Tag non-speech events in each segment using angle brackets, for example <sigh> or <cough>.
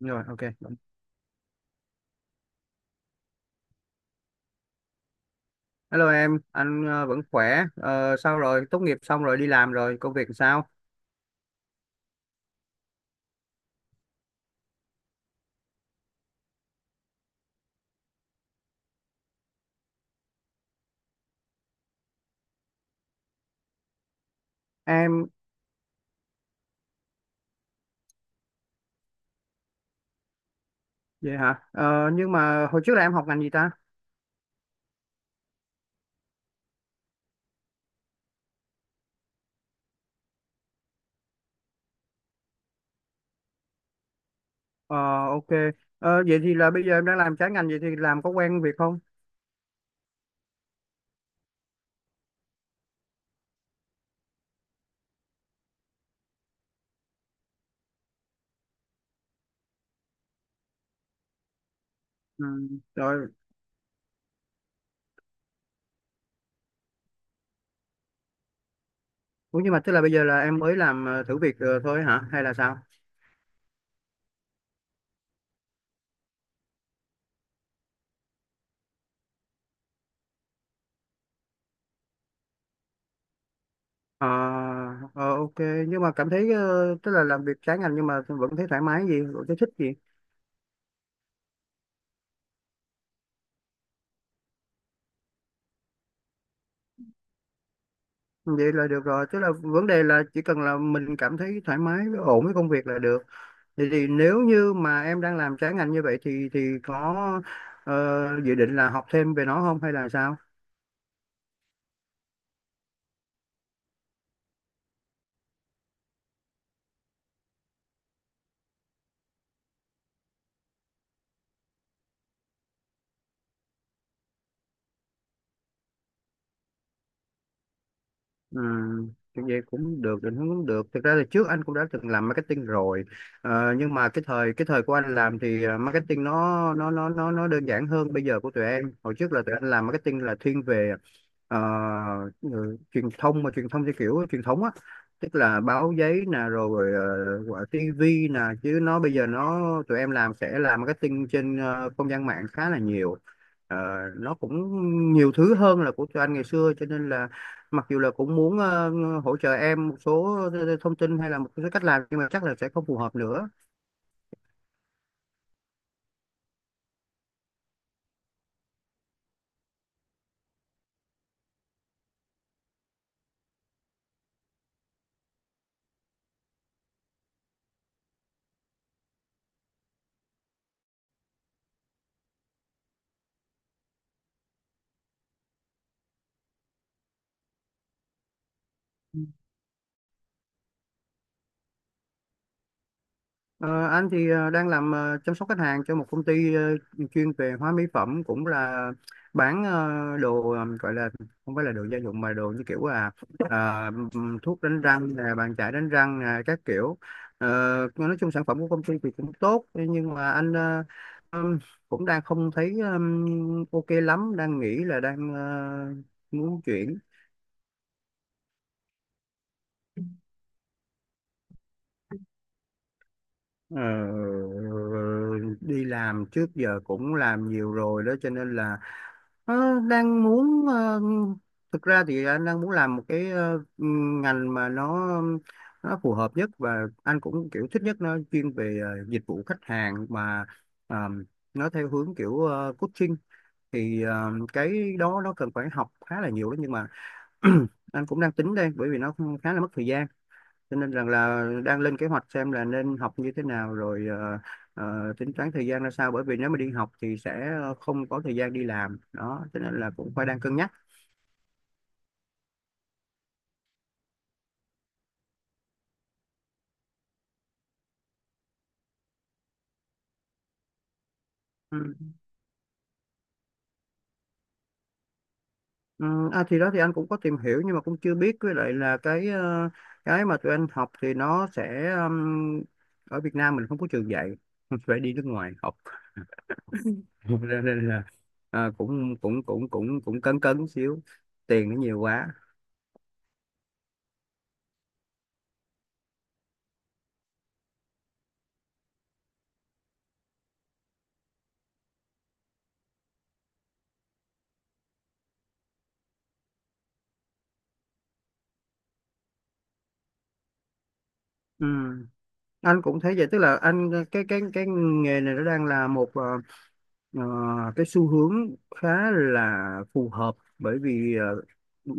Rồi, ok. Hello em, anh vẫn khỏe. Ờ, Sao rồi, tốt nghiệp xong rồi đi làm rồi, công việc sao em? Vậy hả? Ờ, nhưng mà hồi trước là em học ngành gì ta? Ờ, ok. Vậy thì là bây giờ em đang làm trái ngành, vậy thì làm có quen việc không? Ừ, rồi. Ủa, nhưng mà tức là bây giờ là em mới làm thử việc thôi hả hay là sao? Ờ, ok, nhưng mà cảm thấy tức là làm việc trái ngành nhưng mà vẫn thấy thoải mái gì, vẫn thấy thích gì? Vậy là được rồi, tức là vấn đề là chỉ cần là mình cảm thấy thoải mái, ổn với công việc là được. Vậy thì nếu như mà em đang làm trái ngành như vậy thì có ờ, dự định là học thêm về nó không hay là sao? Ừ, như vậy cũng được, định hướng cũng được. Thực ra là trước anh cũng đã từng làm marketing rồi. Ờ, nhưng mà cái thời của anh làm thì marketing nó đơn giản hơn bây giờ của tụi em. Hồi trước là tụi anh làm marketing là thiên về ờ, truyền thông, mà truyền thông theo kiểu truyền thống á, tức là báo giấy nè, rồi gọi TV nè, chứ nó bây giờ nó tụi em làm sẽ làm marketing trên không gian mạng khá là nhiều. Ờ, nó cũng nhiều thứ hơn là của tụi anh ngày xưa, cho nên là mặc dù là cũng muốn hỗ trợ em một số thông tin hay là một số cách làm nhưng mà chắc là sẽ không phù hợp nữa. Ờ, anh thì đang làm chăm sóc khách hàng cho một công ty chuyên về hóa mỹ phẩm, cũng là bán đồ, gọi là không phải là đồ gia dụng mà đồ như kiểu là ờ, thuốc đánh răng nè, bàn chải đánh răng nè, các kiểu. Ờ, nói chung sản phẩm của công ty thì cũng tốt nhưng mà anh ừm, cũng đang không thấy ok lắm, đang nghĩ là đang muốn chuyển. Ờ, đi làm trước giờ cũng làm nhiều rồi đó cho nên là ờ, đang muốn thực ra thì anh đang muốn làm một cái ngành mà nó phù hợp nhất và anh cũng kiểu thích nhất, nó chuyên về dịch vụ khách hàng mà ờ, nó theo hướng kiểu coaching. Thì cái đó nó cần phải học khá là nhiều đó nhưng mà <clears throat> anh cũng đang tính đây, bởi vì nó khá là mất thời gian, cho nên rằng là đang lên kế hoạch xem là nên học như thế nào rồi tính toán thời gian ra sao, bởi vì nếu mà đi học thì sẽ không có thời gian đi làm đó, cho nên là cũng phải đang cân nhắc. Ừ. Ừ, thì đó, thì anh cũng có tìm hiểu nhưng mà cũng chưa biết, với lại là cái cái mà tụi anh học thì nó sẽ ở Việt Nam mình không có trường dạy, <laughs> phải đi nước ngoài học. <laughs> Cho nên là ờ, cũng cũng cũng cũng cũng cấn cấn xíu, tiền nó nhiều quá. Ừ. Anh cũng thấy vậy, tức là anh cái nghề này nó đang là một ờ, cái xu hướng khá là phù hợp, bởi vì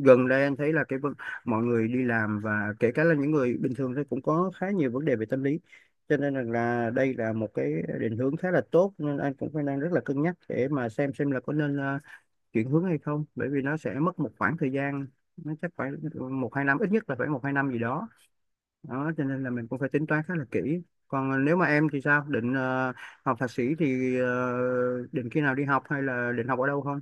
gần đây anh thấy là mọi người đi làm và kể cả là những người bình thường thì cũng có khá nhiều vấn đề về tâm lý, cho nên rằng là đây là một cái định hướng khá là tốt, nên anh cũng phải đang rất là cân nhắc để mà xem là có nên chuyển hướng hay không, bởi vì nó sẽ mất một khoảng thời gian, nó chắc phải một hai năm, ít nhất là phải một hai năm gì đó. Đó cho nên là mình cũng phải tính toán khá là kỹ. Còn nếu mà em thì sao, định học thạc sĩ thì định khi nào đi học hay là định học ở đâu không?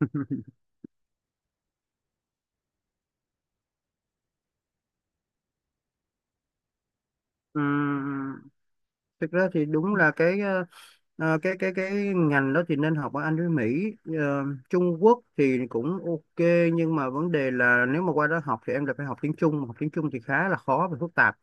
<laughs> Ừm, thực ra thì đúng là cái ngành đó thì nên học ở Anh với Mỹ. Ờ, Trung Quốc thì cũng ok, nhưng mà vấn đề là nếu mà qua đó học thì em lại phải học tiếng Trung. Mà học tiếng Trung thì khá là khó và phức tạp,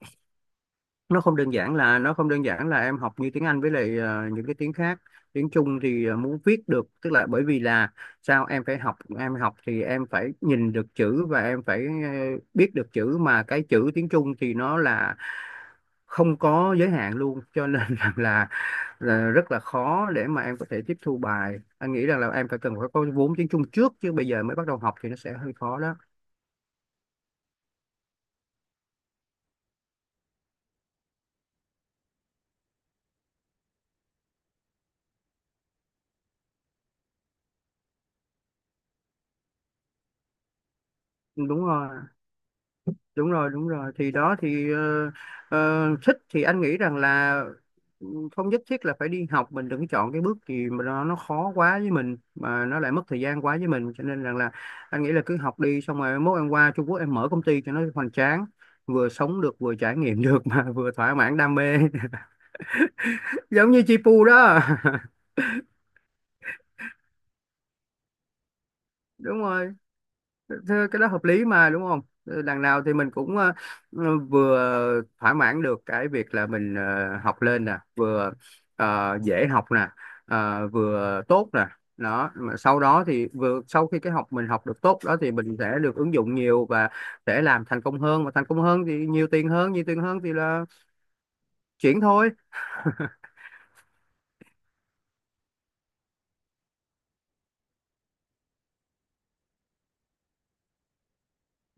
nó không đơn giản là em học như tiếng Anh với lại những cái tiếng khác. Tiếng Trung thì muốn viết được tức là bởi vì là sao em phải học em học thì em phải nhìn được chữ và em phải biết được chữ, mà cái chữ tiếng Trung thì nó là không có giới hạn luôn, cho nên <laughs> rằng là rất là khó để mà em có thể tiếp thu bài. Anh nghĩ rằng là em phải phải có vốn tiếng Trung trước, chứ bây giờ mới bắt đầu học thì nó sẽ hơi khó đó. Đúng rồi, đúng rồi, đúng rồi, thì đó thì thích thì anh nghĩ rằng là ừ, không nhất thiết là phải đi học, mình đừng chọn cái bước gì mà nó khó quá với mình mà nó lại mất thời gian quá với mình, cho nên rằng là anh nghĩ là cứ học đi, xong rồi mốt em qua Trung Quốc em mở công ty cho nó hoành tráng, vừa sống được vừa trải nghiệm <laughs> được mà vừa thỏa mãn đam mê. <laughs> Giống như chi Pu đó. <laughs> Đúng rồi. Thế cái đó hợp lý mà, đúng không? Ờ, đằng nào thì mình cũng vừa thỏa mãn được cái việc là mình học lên nè, vừa dễ học nè, vừa tốt nè. Đó, mà sau đó thì vừa sau khi cái học mình học được tốt đó thì mình sẽ được ứng dụng nhiều và sẽ làm thành công hơn, mà thành công hơn thì nhiều tiền hơn thì là chuyển thôi.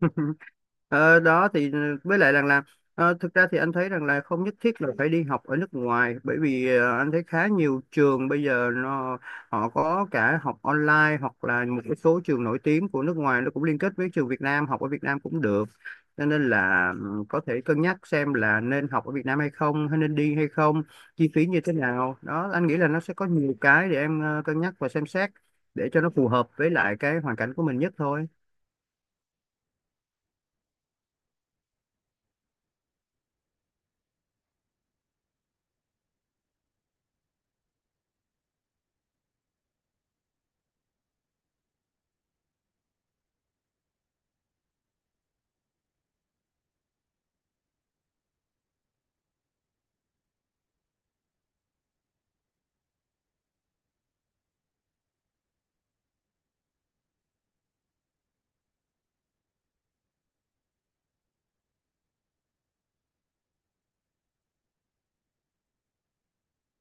<laughs> Ờ, đó thì với lại rằng là thực ra thì anh thấy rằng là không nhất thiết là phải đi học ở nước ngoài, bởi vì anh thấy khá nhiều trường bây giờ nó họ có cả học online, hoặc là một cái số trường nổi tiếng của nước ngoài nó cũng liên kết với trường Việt Nam, học ở Việt Nam cũng được, cho nên là ừ, có thể cân nhắc xem là nên học ở Việt Nam hay không hay nên đi hay không, chi phí như thế nào đó. Anh nghĩ là nó sẽ có nhiều cái để em cân nhắc và xem xét để cho nó phù hợp với lại cái hoàn cảnh của mình nhất thôi.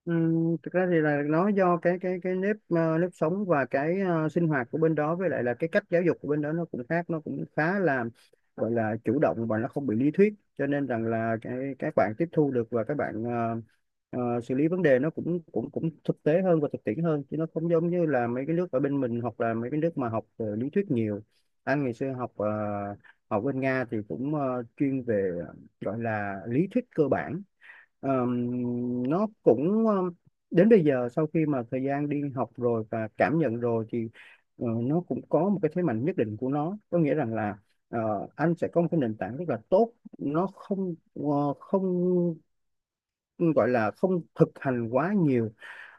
Thực ra thì là nó do cái nếp nếp sống và cái sinh hoạt của bên đó, với lại là cái cách giáo dục của bên đó nó cũng khác, nó cũng khá là gọi là chủ động và nó không bị lý thuyết, cho nên rằng là cái các bạn tiếp thu được và các bạn xử lý vấn đề nó cũng cũng cũng thực tế hơn và thực tiễn hơn, chứ nó không giống như là mấy cái nước ở bên mình hoặc là mấy cái nước mà học lý thuyết nhiều. Anh ngày xưa học học bên Nga thì cũng chuyên về gọi là lý thuyết cơ bản. Ờm, nó cũng đến bây giờ sau khi mà thời gian đi học rồi và cảm nhận rồi thì nó cũng có một cái thế mạnh nhất định của nó, có nghĩa rằng là anh sẽ có một cái nền tảng rất là tốt, nó không ờ, không gọi là không thực hành quá nhiều.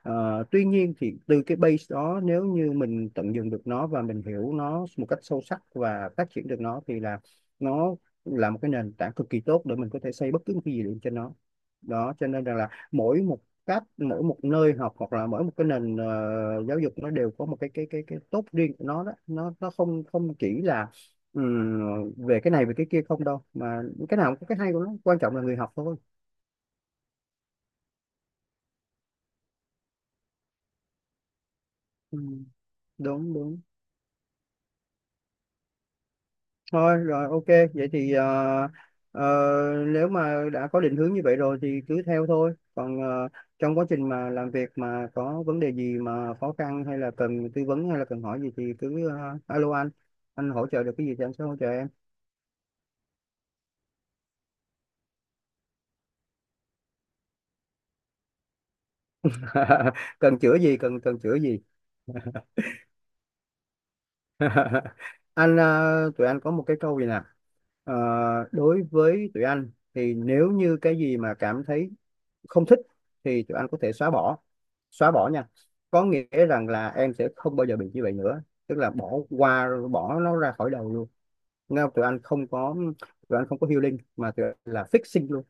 Ờ, tuy nhiên thì từ cái base đó, nếu như mình tận dụng được nó và mình hiểu nó một cách sâu sắc và phát triển được nó thì là nó là một cái nền tảng cực kỳ tốt để mình có thể xây bất cứ một cái gì lên trên nó. Đó cho nên rằng là mỗi một mỗi một nơi học hoặc là mỗi một cái nền giáo dục nó đều có một cái tốt riêng của nó. Đó nó không không chỉ là về cái này về cái kia không đâu, mà cái nào cũng có cái hay của nó, quan trọng là người học thôi. Ừ. Đúng, đúng. Thôi rồi, ok. Vậy thì ờ, nếu mà đã có định hướng như vậy rồi thì cứ theo thôi, còn trong quá trình mà làm việc mà có vấn đề gì mà khó khăn hay là cần tư vấn hay là cần hỏi gì thì cứ alo anh hỗ trợ được cái gì thì anh sẽ hỗ trợ em. <laughs> Cần chữa gì, cần cần chữa gì? <laughs> Anh tụi anh có một cái câu gì nè. Ờ, đối với tụi anh thì nếu như cái gì mà cảm thấy không thích thì tụi anh có thể xóa bỏ, xóa bỏ nha, có nghĩa rằng là em sẽ không bao giờ bị như vậy nữa, tức là bỏ qua, bỏ nó ra khỏi đầu luôn. Nghe không? Tụi anh không có healing mà tụi anh là fixing luôn.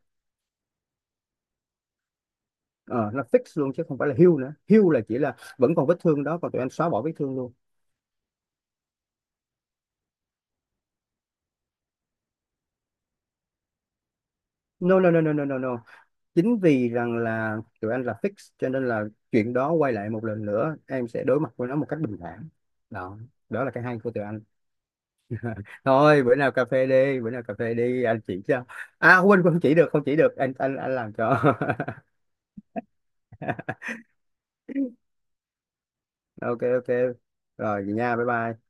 Ờ, là fix luôn chứ không phải là heal nữa, heal là chỉ là vẫn còn vết thương đó, còn tụi anh xóa bỏ vết thương luôn. No, no, no, no, no, no, no, chính vì rằng là tụi anh là fix cho nên là chuyện đó quay lại một lần nữa em sẽ đối mặt với nó một cách bình thản. Đó, đó là cái hay của tụi anh. <laughs> Thôi bữa nào cà phê đi, bữa nào cà phê đi, anh chỉ cho. À quên, không chỉ được, anh làm cho. <laughs> Ok, ok, rồi vậy nha, bye bye.